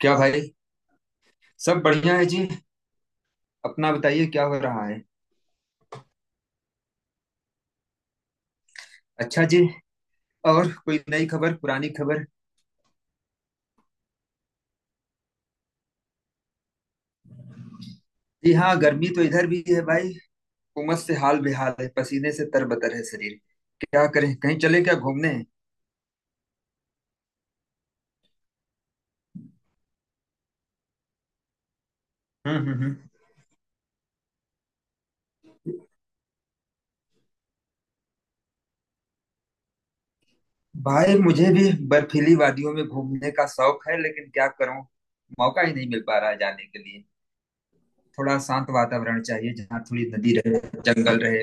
क्या भाई। सब बढ़िया है जी। अपना बताइए, क्या हो रहा है? अच्छा जी। और कोई नई खबर पुरानी खबर? जी हाँ, गर्मी तो इधर भी है भाई। उमस से हाल बेहाल है, पसीने से तरबतर है शरीर। क्या करें, कहीं चले क्या घूमने? हम्म हम्म हम्म। भाई, मुझे भी बर्फीली वादियों में घूमने का शौक है, लेकिन क्या करूं। मौका ही नहीं मिल पा रहा है जाने के लिए। थोड़ा शांत वातावरण चाहिए, जहाँ थोड़ी नदी रहे। जंगल रहे।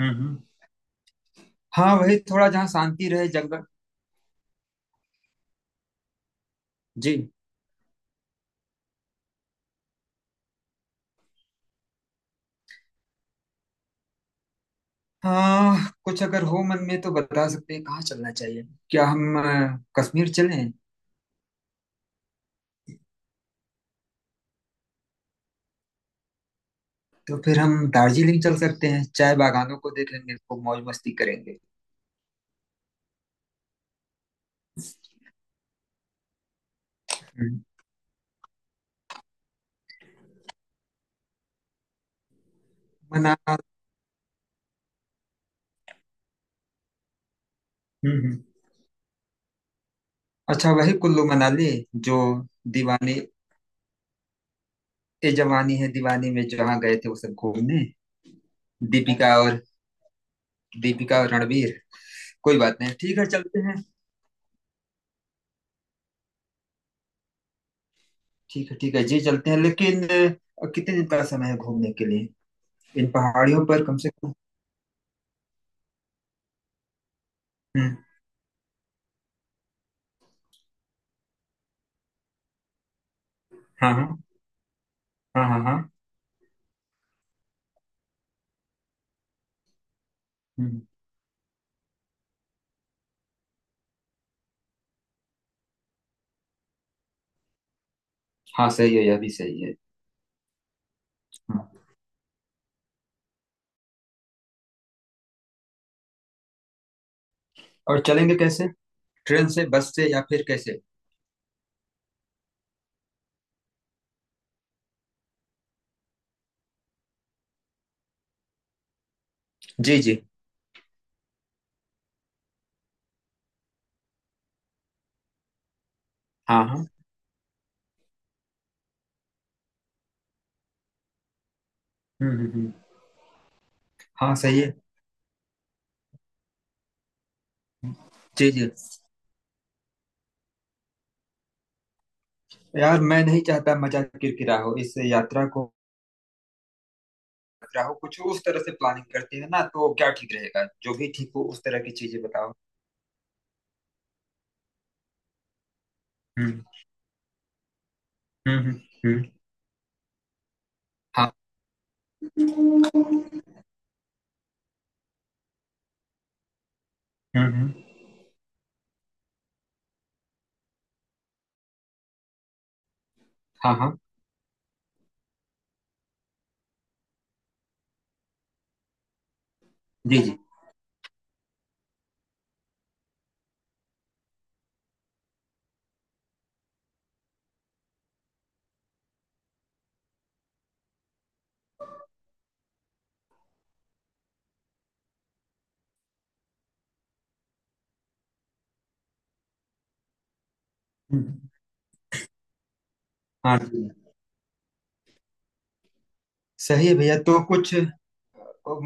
हम्म हम्म। हाँ, वही थोड़ा जहाँ शांति रहे, जंगल। जी। हाँ। कुछ अगर हो मन में तो बता सकते हैं कहाँ चलना चाहिए। क्या हम कश्मीर चलें? तो फिर हम दार्जिलिंग चल सकते हैं, चाय बागानों को देखेंगे, खूब मौज मस्ती करेंगे। हम्म। मना। हम्म। अच्छा, वही कुल्लू मनाली। जो। दीवानी। ए जवानी है दीवानी में जहाँ गए थे वो सब घूमने। दीपिका और। दीपिका और रणवीर। कोई बात नहीं, ठीक है, चलते हैं। ठीक है, ठीक है जी, चलते हैं लेकिन। कितने दिन का समय है घूमने के लिए, इन पहाड़ियों पर कम से कम? हम्म। हाँ हाँ। हाँ हाँ हाँ। हम्म, हाँ सही है, यह भी सही है। हाँ। और चलेंगे कैसे? ट्रेन से, बस से, या फिर कैसे? जी जी। हाँ हाँ। हम्म। हाँ सही है। हम्म। जी जी। यार, मैं नहीं चाहता मजा किरकिरा हो इस यात्रा को। किरकिरा हो कुछ उस तरह से। प्लानिंग करते हैं ना तो क्या ठीक रहेगा? जो भी ठीक हो उस तरह की चीजें बताओ। हम्म हम्म हम्म हम्म। हाँ। हम्म हम्म। हाँ हाँ जी जी। हम्म। हाँ जी। सही है भैया, तो कुछ।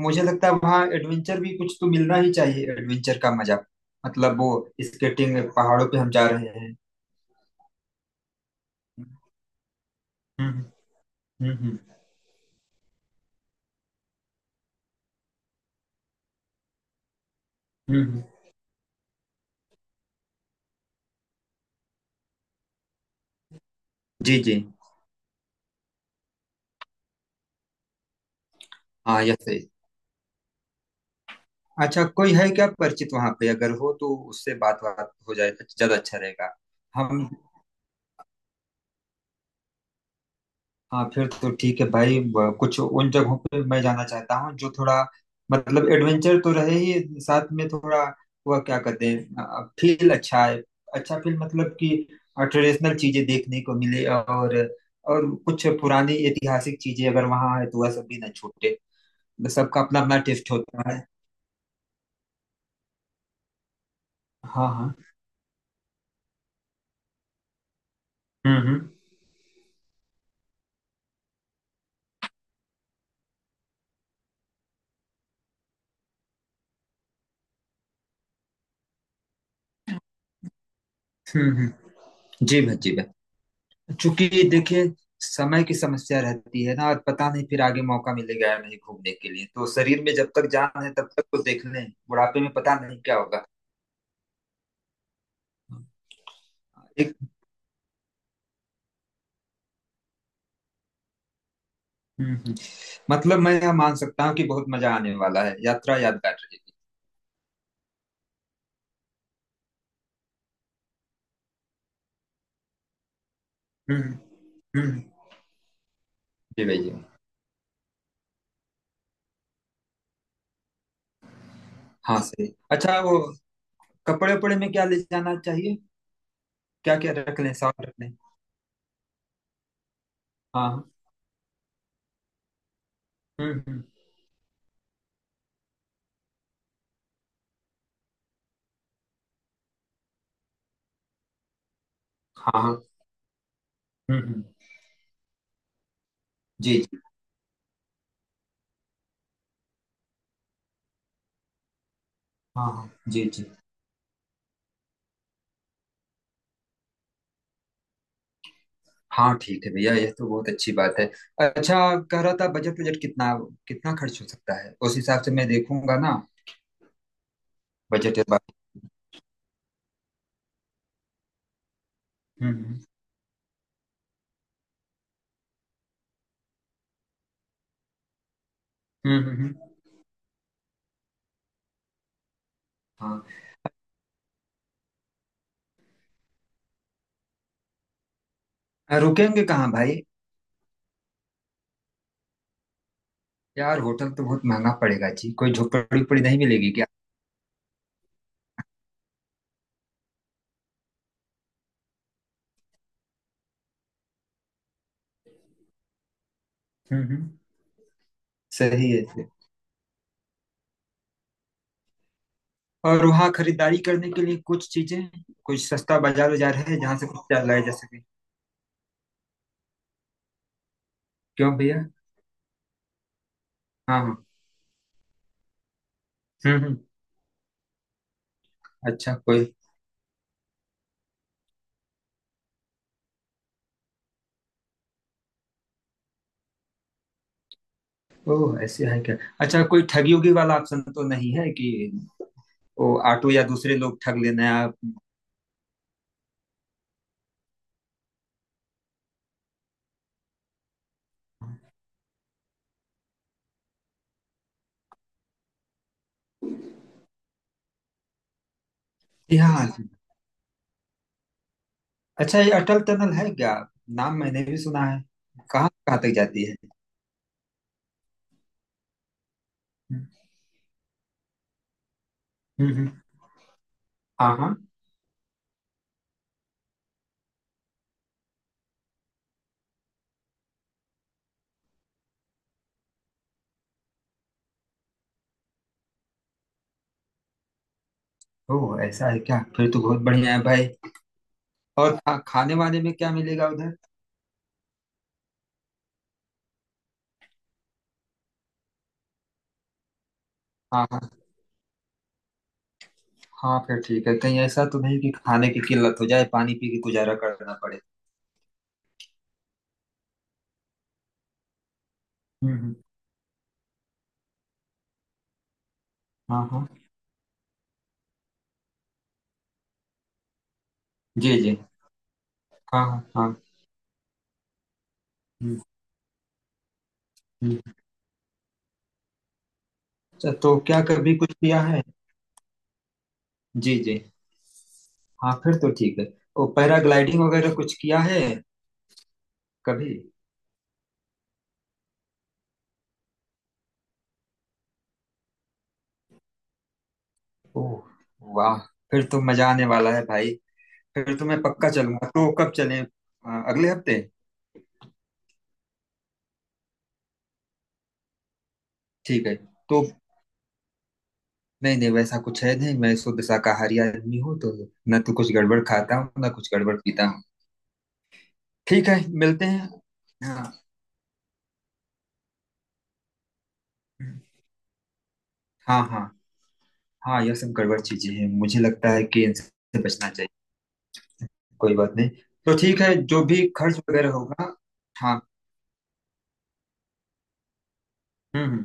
मुझे लगता है वहाँ एडवेंचर भी कुछ तो मिलना ही चाहिए, एडवेंचर का मजा। मतलब वो। स्केटिंग, पहाड़ों पे हम जा रहे हैं। हम्म हम्म हम्म हम्म। जी जी। हाँ, यस, सही। अच्छा, कोई है क्या परिचित वहाँ पे? अगर हो तो उससे बात बात हो जाए तो ज्यादा अच्छा रहेगा। हम। हाँ फिर तो ठीक है भाई, कुछ उन जगहों पे मैं जाना चाहता हूँ जो थोड़ा। मतलब एडवेंचर तो रहे ही, साथ में थोड़ा। वह क्या कहते हैं, फील अच्छा है। अच्छा फील मतलब कि। ट्रेडिशनल चीजें देखने को मिले और। और कुछ पुरानी ऐतिहासिक चीजें अगर वहाँ है तो वह सब भी ना छूटे। सबका अपना अपना टेस्ट होता है। हाँ हाँ। हम्म हम्म हम्म हम्म। जी भाई, जी भाई। चूंकि देखिए। समय की समस्या रहती है ना, और पता नहीं फिर आगे मौका मिलेगा या नहीं घूमने के लिए, तो शरीर में जब तक जान है तब तक तो देख लें। बुढ़ापे में पता नहीं क्या होगा। एक। हम्म, हम्म। मतलब मैं यह मान सकता हूँ कि बहुत मजा आने वाला है, यात्रा यादगार रहेगी। हम्म हम्म। जी भैया। हाँ सही। अच्छा, वो कपड़े उपड़े में क्या ले जाना चाहिए? क्या क्या रख लें, साथ रख लें। हाँ हाँ। हम्म। हाँ हाँ। हम्म। जी जी। हाँ हाँ। जी जी। हाँ ठीक है भैया, यह तो बहुत अच्छी बात है। अच्छा। कह रहा था बजट, बजट कितना। कितना खर्च हो सकता है, उस हिसाब से मैं देखूंगा ना। बजट इस बार। हम्म हम्म हम्म। हम्म। हाँ, रुकेंगे कहाँ भाई? यार होटल तो बहुत महंगा पड़ेगा जी, कोई झोपड़ी उपड़ी नहीं मिलेगी क्या? हम्म। सही है सही। और वहाँ खरीदारी करने के लिए कुछ चीजें। कुछ सस्ता बाजार बाजार है जहाँ से कुछ क्या लाया जा सके? क्यों भैया? हाँ हाँ। हम्म। अच्छा, कोई। ओह, ऐसे है क्या? अच्छा, कोई ठगी उगी वाला ऑप्शन तो नहीं है कि। ओ, ऑटो या दूसरे लोग ठग लेना है आप। जी हाँ। अच्छा, ये अटल टनल है क्या? नाम मैंने भी सुना है। कहाँ कहाँ तक जाती है? हम्म। हाँ हाँ। ओ, ऐसा है क्या? फिर तो बहुत बढ़िया है भाई। और खाने वाने में क्या मिलेगा उधर? हाँ हाँ। हाँ फिर ठीक है, कहीं ऐसा तो नहीं कि खाने की किल्लत हो जाए, पानी पी के गुजारा करना पड़े? हम्म। हाँ हाँ। जी जी। हाँ हाँ हाँ। हम्म हम्म। अच्छा, तो क्या कभी कुछ किया है? जी जी। हाँ फिर तो ठीक है। ओ, पैराग्लाइडिंग वगैरह कुछ किया है? कभी? ओह, वाह। फिर तो मजा आने वाला है भाई। फिर तो मैं पक्का चलूंगा, तो कब चलें, अगले हफ्ते? ठीक है। तो। नहीं नहीं, वैसा कुछ है नहीं, मैं शुद्ध शाकाहारी आदमी हूँ तो। ना तो कुछ गड़बड़ खाता हूँ, ना कुछ गड़बड़ पीता हूँ। ठीक है। मिलते हैं। हाँ। हाँ हाँ। हाँ, यह सब गड़बड़ चीजें हैं, मुझे लगता है कि इनसे बचना चाहिए। कोई बात नहीं। तो ठीक है, जो भी खर्च वगैरह होगा। हाँ। हम्म।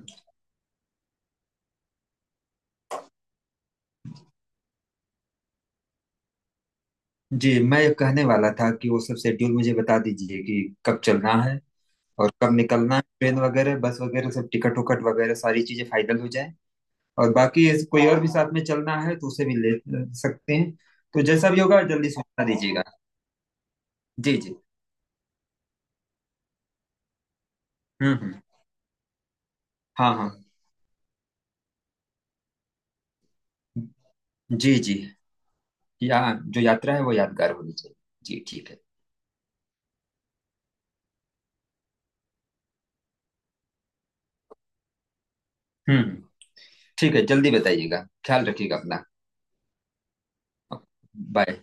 जी, मैं कहने वाला था कि वो सब शेड्यूल मुझे बता दीजिए कि। कब चलना है। और कब निकलना है, ट्रेन वगैरह, बस वगैरह, सब टिकट उकट वगैरह सारी चीजें फाइनल हो जाए। और बाकी ऐसे कोई और भी साथ में चलना है तो उसे भी ले। सकते हैं। तो जैसा भी होगा जल्दी सूचना दीजिएगा। जी जी। हम्म। हाँ हाँ। जी जी। या। जो यात्रा है वो यादगार होनी चाहिए। जी ठीक है। हम्म। ठीक है, जल्दी बताइएगा, ख्याल रखिएगा अपना। बाय।